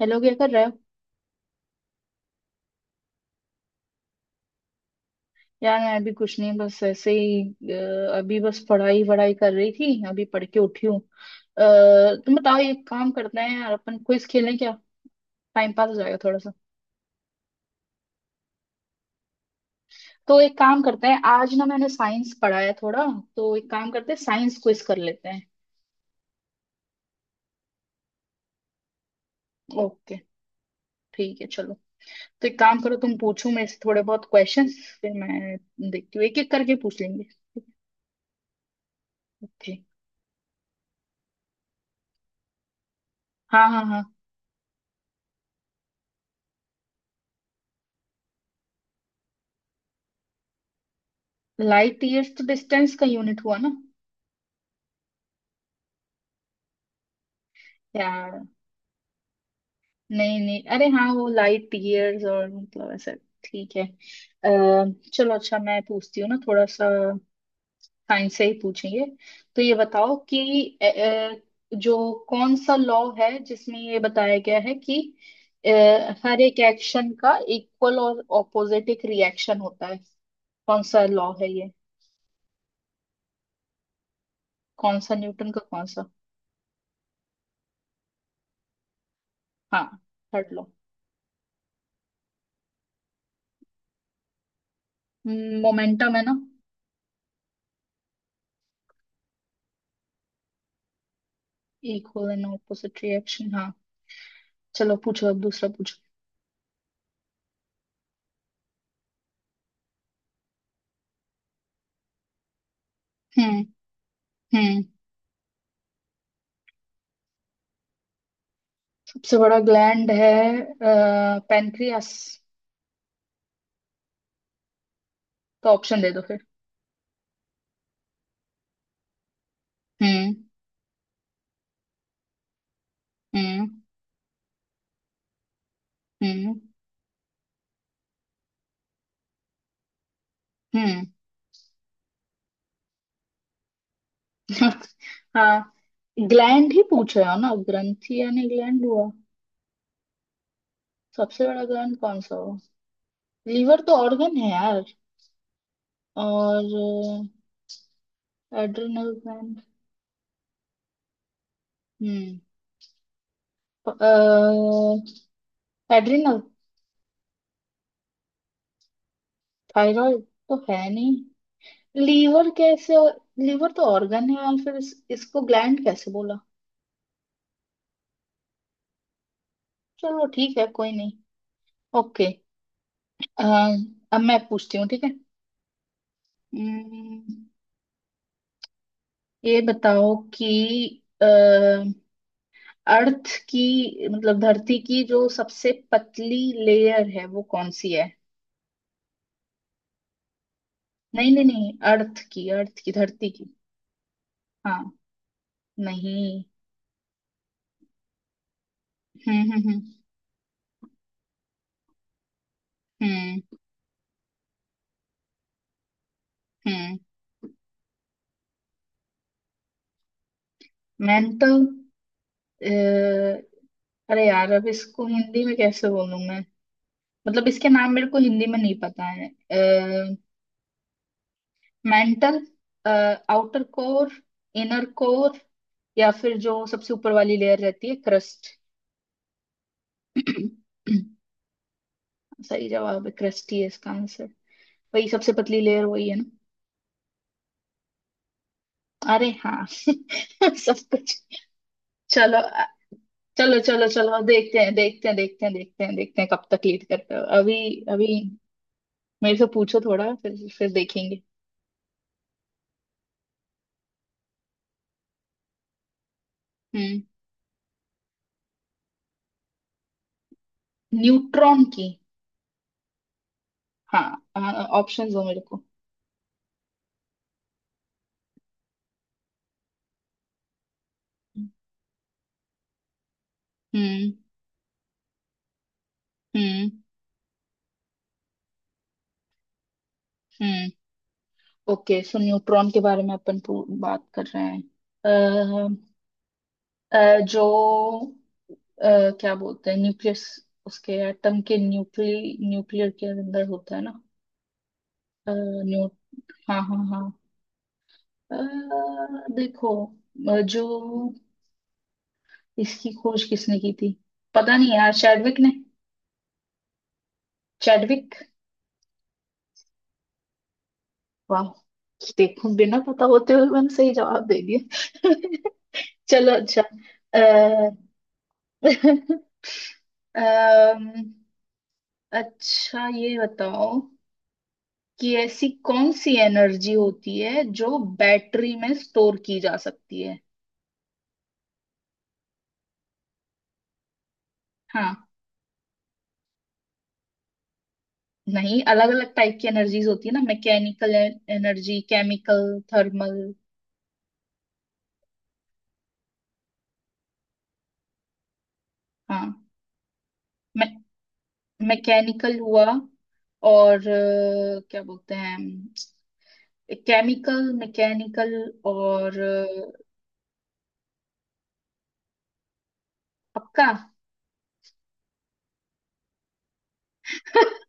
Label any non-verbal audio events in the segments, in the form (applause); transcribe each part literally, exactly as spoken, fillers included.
Hello, क्या कर रहे हो? यार, मैं अभी कुछ नहीं, बस ऐसे ही। अ, अभी बस पढ़ाई वढ़ाई कर रही थी, अभी पढ़ के उठी हूँ अ, तुम बताओ, एक काम करते हैं यार, अपन क्विज खेलें क्या? टाइम पास हो जाएगा थोड़ा सा। तो एक काम करते हैं, आज ना मैंने साइंस पढ़ा है थोड़ा। तो एक काम करते हैं, साइंस क्विज कर लेते हैं। ओके। ठीक है, चलो। तो एक काम करो, तुम पूछो मेरे से थोड़े बहुत क्वेश्चन। फिर मैं देखती हूँ, एक एक करके पूछ लेंगे। ओके। हाँ, हाँ, हाँ। लाइट ईयर्स तो डिस्टेंस का यूनिट हुआ ना। यार, नहीं नहीं, अरे हाँ वो लाइट ईयर्स और मतलब ऐसा। ठीक है। अः चलो अच्छा, मैं पूछती हूँ ना थोड़ा सा। साइंस से ही पूछेंगे। तो ये बताओ कि अ, अ, जो कौन सा लॉ है जिसमें ये बताया गया है कि अ, हर एक एक्शन का इक्वल और ऑपोजिट एक रिएक्शन होता है। कौन सा लॉ है ये? कौन सा? न्यूटन का कौन सा? हाँ। Third law. मोमेंटम है ना। Equal and opposite reaction. हाँ। चलो, पूछो, अब दूसरा पूछो। हम्म। हम्म। सबसे बड़ा ग्लैंड है पेनक्रियास। तो ऑप्शन दे दो फिर। हम्म। हम्म। हम्म। हम्म। (laughs) हाँ। ग्लैंड ही पूछ रहे हो ना, ग्रंथि यानी ग्लैंड हुआ। सबसे बड़ा ग्लैंड कौन सा हुआ? लीवर तो ऑर्गन है यार। और एड्रिनल ग्लैंड। हम्म। एड्रिनल। थायराइड। तो है नहीं। लीवर कैसे? लीवर तो ऑर्गन है और फिर इस, इसको ग्लैंड कैसे बोला? चलो ठीक है, कोई नहीं। ओके। अ, अब मैं पूछती हूँ, ठीक है? अम्म, ये बताओ कि अ, अर्थ की, मतलब धरती की जो सबसे पतली लेयर है वो कौन सी है? नहीं नहीं नहीं, अर्थ की, अर्थ की, धरती की। हाँ। नहीं। हम्म, हम्म, हम्म, हम्म, हम्म। मैंने तो अ, अरे यार, अब इसको हिंदी में कैसे बोलूं मैं? मतलब, इसके नाम मेरे को हिंदी में नहीं पता है। Mantle, outer core, inner core, या फिर जो सबसे ऊपर वाली लेयर रहती है, क्रस्ट। (clears throat) सही जवाब है, क्रस्ट ही है इसका आंसर। वही सबसे पतली लेयर, वही है ना। अरे हाँ, (laughs) सब कुछ। चलो अ- चलो चलो चलो, देखते हैं देखते हैं देखते हैं देखते हैं देखते हैं कब तक लीड करते हो अभी। अभी मेरे से पूछो थोड़ा, फिर फिर देखेंगे। हम्म। न्यूट्रॉन की। हाँ, ऑप्शन दो मेरे को। हम्म। हम्म। हम्म। ओके, सो न्यूट्रॉन के बारे में अपन पू- बात कर रहे हैं। अ, जो, अ, क्या बोलते हैं, न्यूक्लियस। उसके एटम के न्यूक्ली न्यूक्लियर के अंदर होता है ना। अ, न्यू हाँ, हाँ, हाँ। अ, देखो, अ, जो इसकी खोज किसने की थी? पता नहीं यार, चैडविक ने। चैडविक। वाह। देखो, बिना पता होते हुए मैंने सही जवाब दे दिया। (laughs) चलो अच्छा अ, (laughs) अम, अच्छा ये बताओ कि ऐसी कौन सी एनर्जी होती है जो बैटरी में स्टोर की जा सकती है? हाँ। नहीं, अलग अलग टाइप की एनर्जीज होती है ना, मैकेनिकल एनर्जी, केमिकल, थर्मल। हाँ। मे, मैकेनिकल हुआ। और अ, क्या बोलते हैं, केमिकल, मैकेनिकल। और अ, पक्का?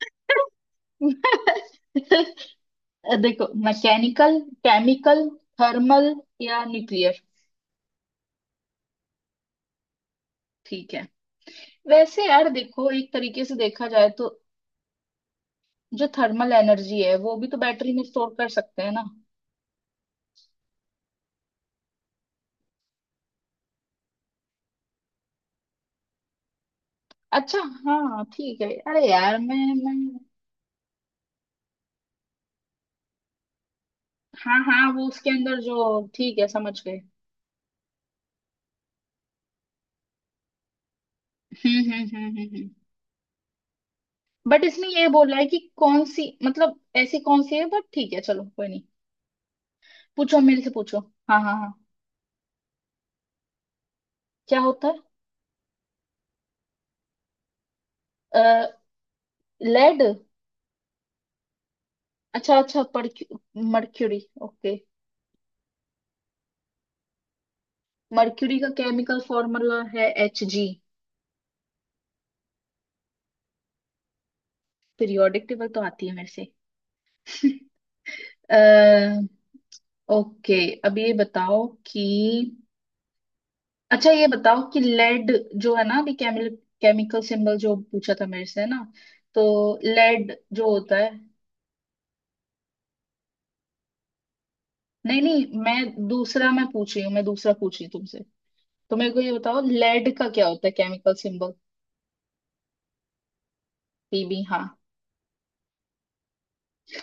(laughs) देखो, मैकेनिकल, केमिकल, थर्मल, या न्यूक्लियर। ठीक है। वैसे यार देखो, एक तरीके से देखा जाए तो जो थर्मल एनर्जी है वो भी तो बैटरी में स्टोर कर सकते हैं ना? अच्छा। हाँ ठीक है, अरे यार मैं मैं। हाँ, हाँ, वो उसके अंदर जो, ठीक है, समझ गए। हम्म, हम्म, हम्म, हम्म, हम्म। बट इसमें ये बोल रहा है कि कौन सी, मतलब ऐसी कौन सी है, बट ठीक है चलो कोई नहीं। पूछो, मेरे से पूछो। हाँ, हाँ, हाँ। क्या होता है? लेड। अच्छा, अच्छा। Mercury, okay. मर्क्यूरी का केमिकल फॉर्मूला है एच जी। पीरियोडिक टेबल तो आती है मेरे से। अः ओके। अब ये बताओ कि अच्छा, ये बताओ कि लेड जो है ना, अभी केमिकल, केमिकल सिंबल जो पूछा था मेरे से, है ना? तो लेड जो होता है, नहीं नहीं, मैं दूसरा, मैं पूछ रही हूँ, मैं दूसरा पूछ रही हूँ तुमसे। तो मेरे को ये बताओ, लेड का क्या होता है केमिकल सिंबल? P B. हाँ।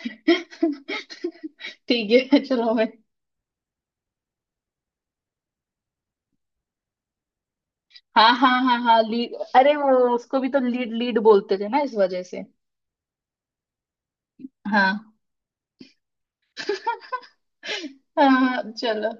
(laughs) ठीक है चलो, मैं। हाँ, हाँ, हाँ, हाँ, लीड, अरे वो उसको भी तो लीड लीड बोलते थे ना इस वजह से। हाँ। (laughs) हाँ, चलो।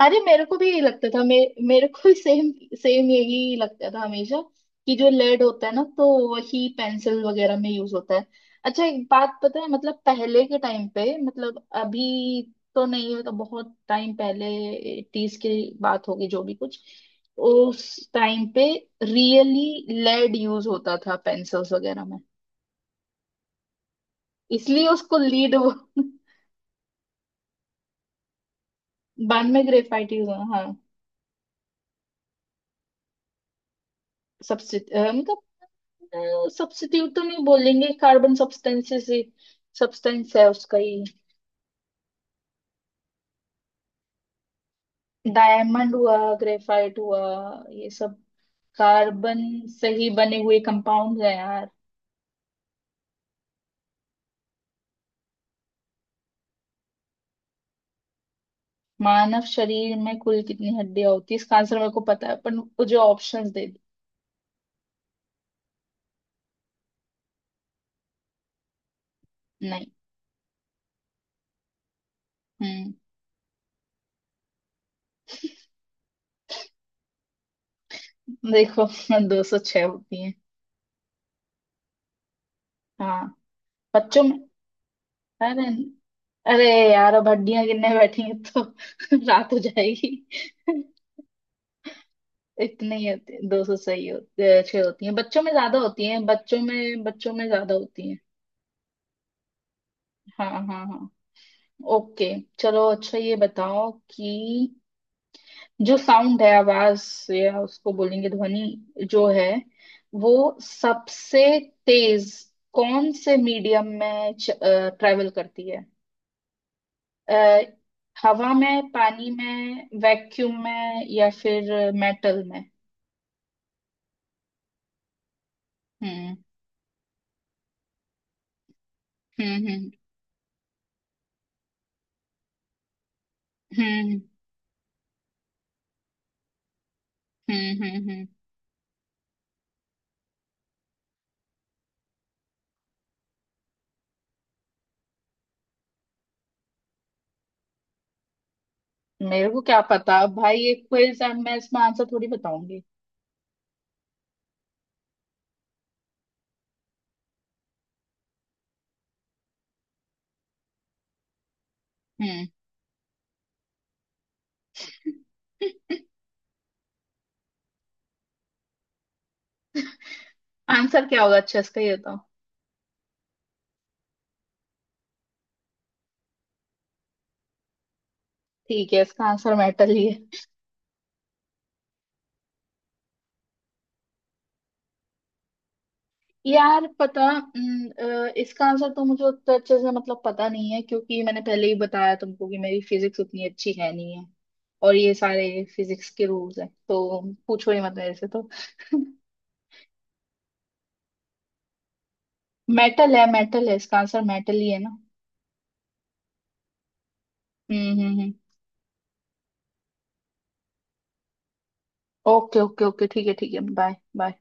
अरे मेरे को भी यही लगता था मे, मेरे को भी सेम, सेम यही लगता था हमेशा, कि जो लेड होता है ना तो वही पेंसिल वगैरह में यूज होता है। अच्छा एक बात, पता है, मतलब पहले के टाइम पे, मतलब अभी तो नहीं है तो बहुत टाइम पहले, अस्सी की बात होगी, जो भी कुछ, उस टाइम पे रियली लेड यूज होता था पेंसिल्स वगैरह में। इसलिए उसको लीड। (laughs) बाद में ग्रेफाइट यूज, हाँ। सबसे, सब्स्टिट्यूट तो नहीं बोलेंगे, कार्बन सब्सटेंसेस ही। सब्सटेंस है उसका ही। डायमंड हुआ, ग्रेफाइट हुआ, ये सब कार्बन से ही बने हुए कंपाउंड है यार। मानव शरीर में कुल कितनी हड्डियां होती है, इसका आंसर मेरे को पता है, पर वो जो ऑप्शंस दे दी। नहीं। हम्म। देखो, (laughs) दो सौ छह होती है। हाँ। बच्चों में। अरे। अरे यार, अब हड्डियां गिनने बैठेंगे तो (laughs) रात हो जाएगी। (laughs) इतनी ही होती, दो सौ सही होती है, छह होती है, बच्चों में ज्यादा होती है, बच्चों में बच्चों में ज्यादा होती है। हाँ, हाँ, हाँ। ओके। चलो अच्छा, ये बताओ कि जो साउंड है, आवाज, या उसको बोलेंगे ध्वनि जो है, वो सबसे तेज कौन से मीडियम में ट्रेवल करती है? अ, हवा में, पानी में, वैक्यूम में, या फिर मेटल में? हम्म, हम्म, हम्म, हम्म, हम्म, हम्म, हम्म। मेरे को क्या पता भाई, ये क्विज है, मैं इसमें आंसर थोड़ी बताऊंगी। हम्म। आंसर क्या होगा अच्छा इसका, ये बताओ। ठीक है, इसका आंसर मेटल ही है। यार पता, हम्म, अ, इसका आंसर तो मुझे उतना अच्छे से, मतलब, पता नहीं है, क्योंकि मैंने पहले ही बताया तुमको कि मेरी फिजिक्स उतनी अच्छी है नहीं है। और ये सारे फिजिक्स के रूल्स हैं, तो पूछो ही मत मेरे से तो। (laughs) मेटल है, मेटल है, इसका आंसर मेटल ही है ना। हम्म, हम्म, हम्म। ओके, ओके, ओके, ठीक है, ठीक है, बाय बाय।